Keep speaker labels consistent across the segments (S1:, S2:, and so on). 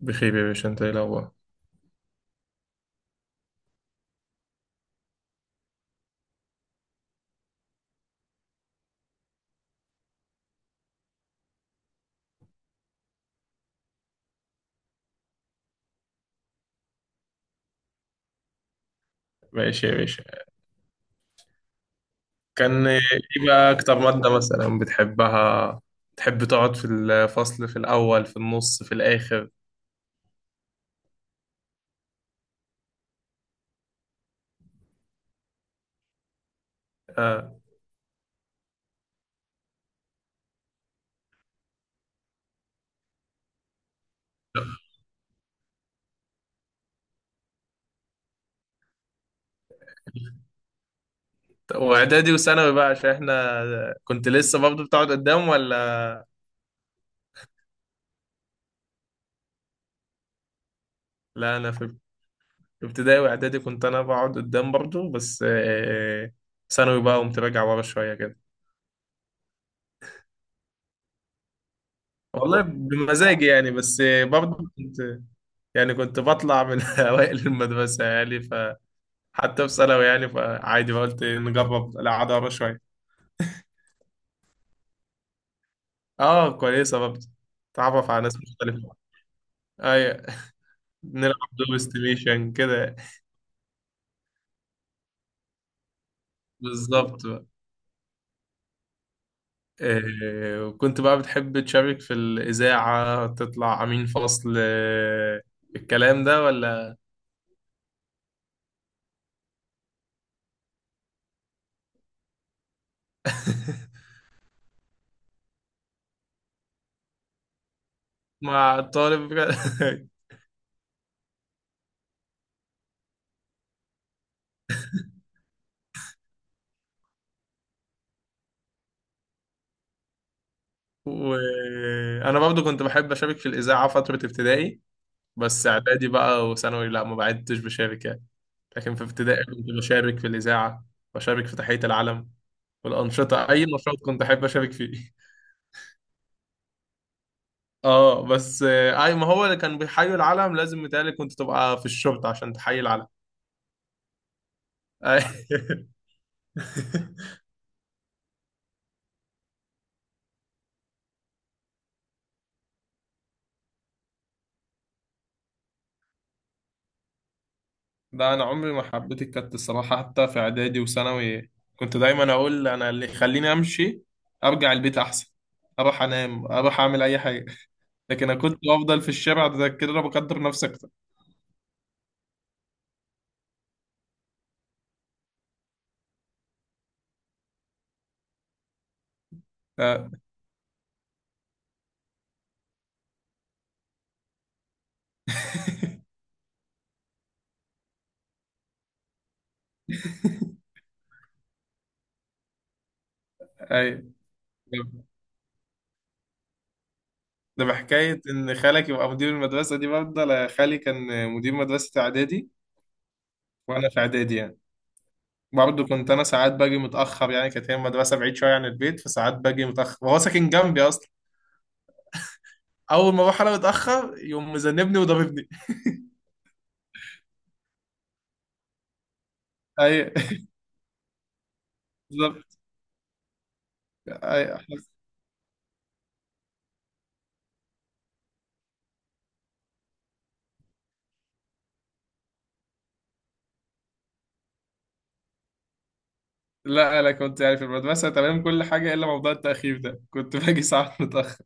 S1: بخير يا باشا، انت ايه الاخبار؟ ماشي يا باشا. كان ايه بقى اكتر مادة مثلا بتحبها؟ تحب تقعد في الفصل في الاول في النص في الاخر؟ آه. واعدادي وثانوي بقى، عشان احنا كنت لسه برضه بتقعد قدام ولا؟ لا انا في ابتدائي واعدادي كنت انا بقعد قدام برضه، بس ثانوي بقى قمت راجع ورا شوية كده. والله بمزاجي يعني. بس برضه كنت، يعني كنت بطلع من اوائل المدرسة يعني حتى في ثانوي يعني، فعادي بقى قلت نجرب العذارة شوية. اه كويسة برضه، تعرف على ناس مختلفة. ايوه نلعب دور استيميشن كده. بالظبط بقى. وكنت بقى بتحب تشارك في الإذاعة، تطلع أمين فصل الكلام ده ولا؟ مع الطالب وأنا برضو كنت بحب أشارك في الإذاعة فترة ابتدائي. بس اعدادي بقى وثانوي لا، ما بعدتش بشارك يعني. لكن في ابتدائي كنت بشارك في الإذاعة، بشارك في تحية العلم والأنشطة. أي نشاط كنت أحب أشارك فيه اه بس اي ما هو اللي كان بيحيي العلم لازم متهيألي كنت تبقى في الشرطة عشان تحيي العلم. أي. ده انا عمري ما حبيت الكت الصراحة، حتى في اعدادي وثانوي كنت دايما اقول انا، اللي يخليني امشي ارجع البيت احسن، اروح انام اروح اعمل اي حاجة. لكن انا كنت بفضل في الشارع ده كده، انا بقدر نفسك. اه اي، ده بحكاية إن خالك يبقى مدير المدرسة دي، برضه أنا خالي كان مدير مدرسة إعدادي وأنا في إعدادي يعني. برضه كنت أنا ساعات باجي متأخر يعني، كانت هي المدرسة بعيد شوية عن البيت، فساعات باجي متأخر وهو ساكن جنبي أصلا. أول ما أروح أنا متأخر يقوم مذنبني وضاربني. أي بالظبط. أي. لا أنا كنت يعني في المدرسة تمام كل حاجة، إلا موضوع التأخير ده كنت باجي ساعات متأخر.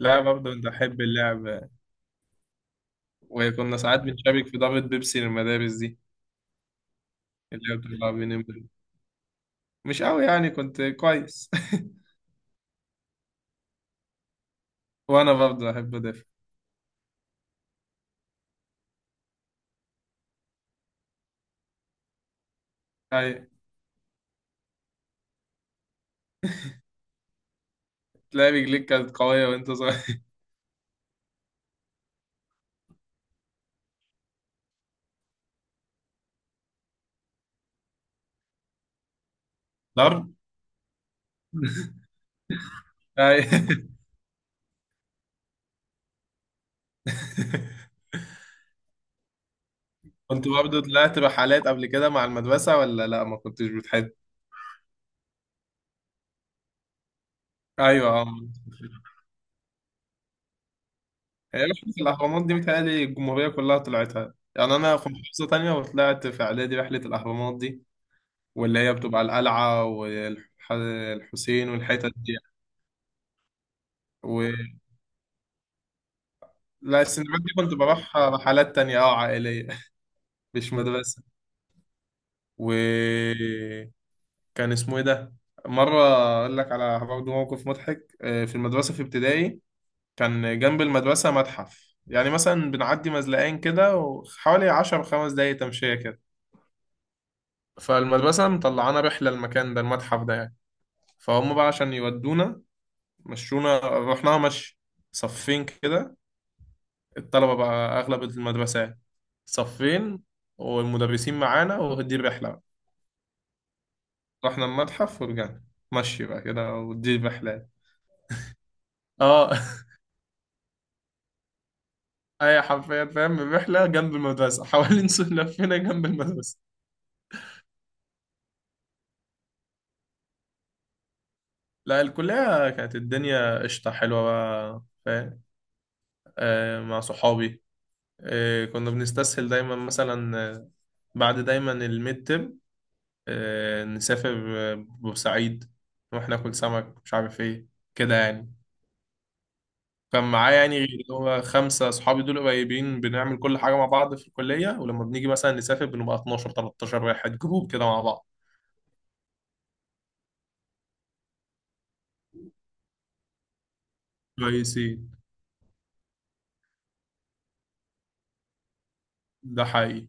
S1: لا برضه بحب اللعب، وكنا ساعات بنشارك في ضربة بيبسي للمدارس دي. اللي هو بتلعب مين، امبابي؟ مش قوي يعني، كنت كويس وانا برضه احب ادافع. اي، تلاقي رجليك كانت قويه وانت صغير. ضرب. اي كنت برضه طلعت رحلات قبل كده مع المدرسه ولا لا ما كنتش بتحب؟ ايوه اه. هي رحله الاهرامات دي متهيألي الجمهوريه كلها طلعتها يعني، انا في محافظه تانية وطلعت في اعدادي رحله الاهرامات دي، واللي هي بتبقى القلعه والحسين والحتت دي. و... لا السندباد دي كنت بروح رحلات تانية، اه عائلية، مش مدرسة. وكان اسمه ايه ده؟ مرة، اقول لك على برضه موقف مضحك في المدرسة في ابتدائي. كان جنب المدرسة متحف يعني، مثلا بنعدي مزلقين كده وحوالي عشر خمس دقايق تمشية كده. فالمدرسة مطلعانا رحلة المكان ده، المتحف ده يعني. فهم بقى عشان يودونا مشونا، رحناها مشي، صفين كده الطلبة بقى أغلب المدرسة يعني، صفين والمدرسين معانا ودي الرحلة. رحنا المتحف ورجعنا مشي بقى كده، ودي الرحلات. اه اي حرفيا فاهم، الرحله جنب المدرسه حوالين سور لفينا جنب المدرسه. لا الكلية كانت الدنيا قشطة حلوة بقى فاهم، آه مع صحابي. آه كنا بنستسهل دايما، مثلا بعد دايما الميد ترم نسافر بورسعيد، نروح ناكل سمك مش عارف ايه، كده يعني. كان معاه يعني، غير اللي هو خمسة صحابي دول قريبين بنعمل كل حاجة مع بعض في الكلية، ولما بنيجي مثلا نسافر بنبقى 12 13 واحد، جروب كده مع بعض كويسين. ده حقيقي.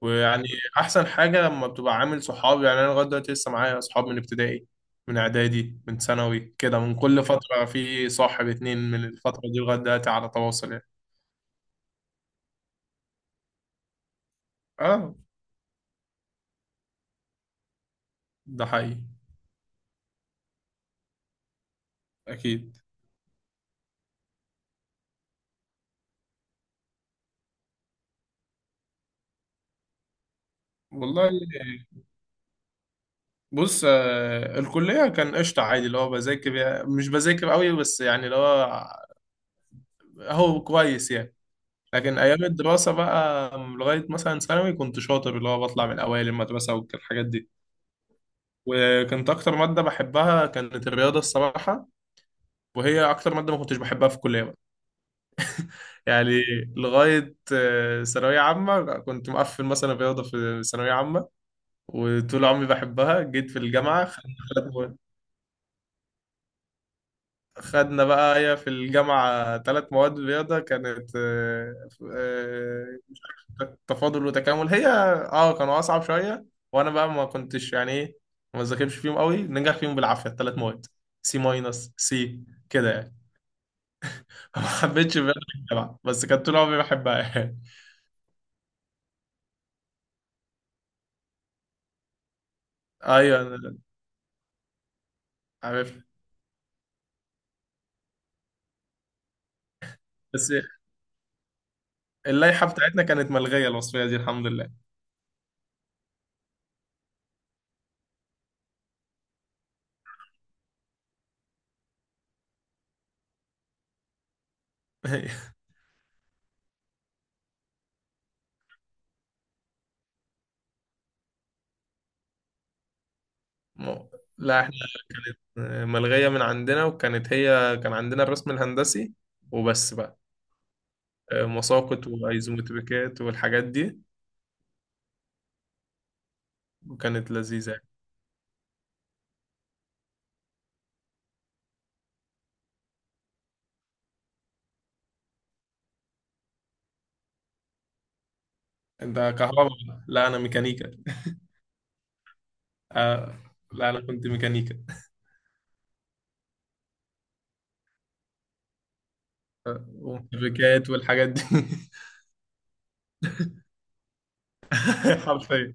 S1: ويعني أحسن حاجة لما بتبقى عامل صحاب يعني، أنا لغاية دلوقتي لسه معايا صحاب من ابتدائي، من إعدادي، من ثانوي، كده من كل فترة في صاحب اتنين من الفترة دي لغاية دلوقتي على تواصل يعني. آه، ده حقيقي. أكيد. والله بص، الكلية كان قشطة عادي، اللي هو بذاكر مش بذاكر قوي بس، يعني اللي هو هو كويس يعني. لكن ايام الدراسه بقى لغايه مثلا ثانوي كنت شاطر، اللي هو بطلع من اوائل المدرسه والحاجات دي. وكانت اكتر ماده بحبها كانت الرياضه الصراحه، وهي اكتر ماده ما كنتش بحبها في الكليه بقى. يعني لغايه ثانويه عامه كنت مقفل مثلا الرياضه في ثانويه عامه، وطول عمري بحبها. جيت في الجامعه خدنا ثلاث مواد. خدنا بقى هي في الجامعه ثلاث مواد رياضه كانت آه، تفاضل وتكامل هي. اه كانوا اصعب شويه، وانا بقى ما كنتش يعني ايه، ما ذاكرش فيهم قوي، ننجح فيهم بالعافيه الثلاث مواد، سي ماينس سي كده يعني. ما حبيتش بقى الجامعه، بس كانت طول عمري بحبها يعني. ايوه أنا عارف. بس اللائحه بتاعتنا كانت ملغيه الوصفيه دي الحمد لله. مو- لا احنا ملغيه من عندنا، وكانت هي كان عندنا الرسم الهندسي وبس بقى، مساقط وايزومتريكات والحاجات دي، وكانت لذيذه. انت كهرباء؟ لا انا ميكانيكا. آه. لا انا كنت ميكانيكا، ومفبركات والحاجات دي. حرفيا.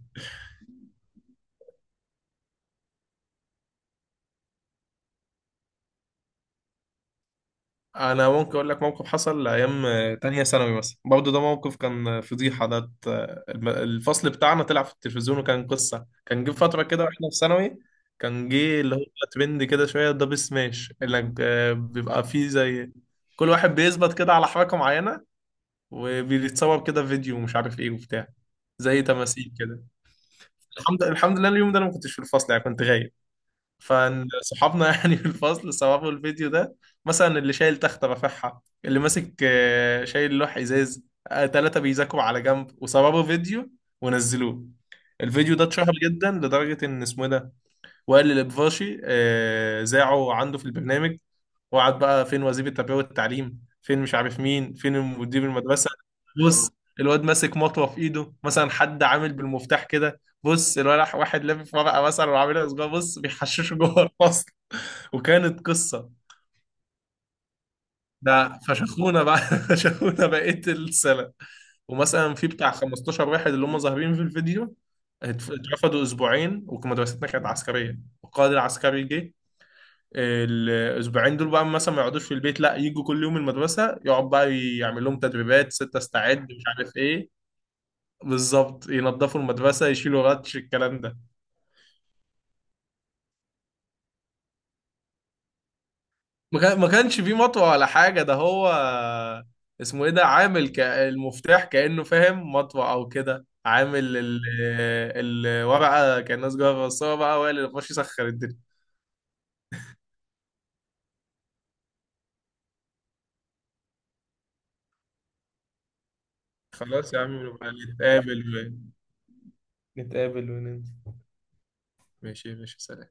S1: انا ممكن اقول لك موقف حصل ايام تانية ثانوي مثلا برضه، ده موقف كان فضيحه ده. الفصل بتاعنا طلع في التلفزيون، وكان قصه. كان جه فتره كده واحنا في ثانوي، كان جه اللي هو ترند كده شويه دبل سماش، اللي بيبقى فيه زي كل واحد بيثبت كده على حركه معينه وبيتصور كده فيديو ومش عارف ايه وبتاع، زي تماثيل كده. الحمد لله اليوم ده انا ما كنتش في الفصل يعني، كنت غايب. فصحابنا يعني في الفصل صوروا الفيديو ده، مثلا اللي شايل تخته رافعها، اللي ماسك شايل لوح ازاز، ثلاثه بيذاكروا على جنب، وصوروا فيديو ونزلوه. الفيديو ده اتشهر جدا، لدرجه ان اسمه إيه ده، وائل الابفاشي ذاعه عنده في البرنامج، واقعد بقى فين وزير التربيه والتعليم فين مش عارف مين فين مدير المدرسه. بص الواد ماسك مطوه في ايده، مثلا حد عامل بالمفتاح كده، بص الولد واحد لافف ورقه مثلا وعاملها صغير، بص بيحششوا جوه الفصل، وكانت قصه. ده فشخونا بقى فشخونا بقيه السنه. ومثلا في بتاع 15 واحد اللي هم ظاهرين في الفيديو، اترفدوا اسبوعين. ومدرستنا كانت عسكريه، والقائد العسكري جه الاسبوعين دول بقى، مثلا ما يقعدوش في البيت، لا يجوا كل يوم المدرسه، يقعد بقى يعمل لهم تدريبات ستة استعد مش عارف ايه. بالظبط، ينظفوا المدرسه يشيلوا غطش، الكلام ده. ما كانش فيه مطوه ولا حاجه، ده هو اسمه ايه ده عامل المفتاح كانه فاهم مطوه او كده، عامل الورقه كانها سجاره، بس هو بقى هو اللي بيخش يسخر الدنيا. خلاص يا عم نبقى نتقابل. نتقابل وننزل. ماشي ماشي سلام.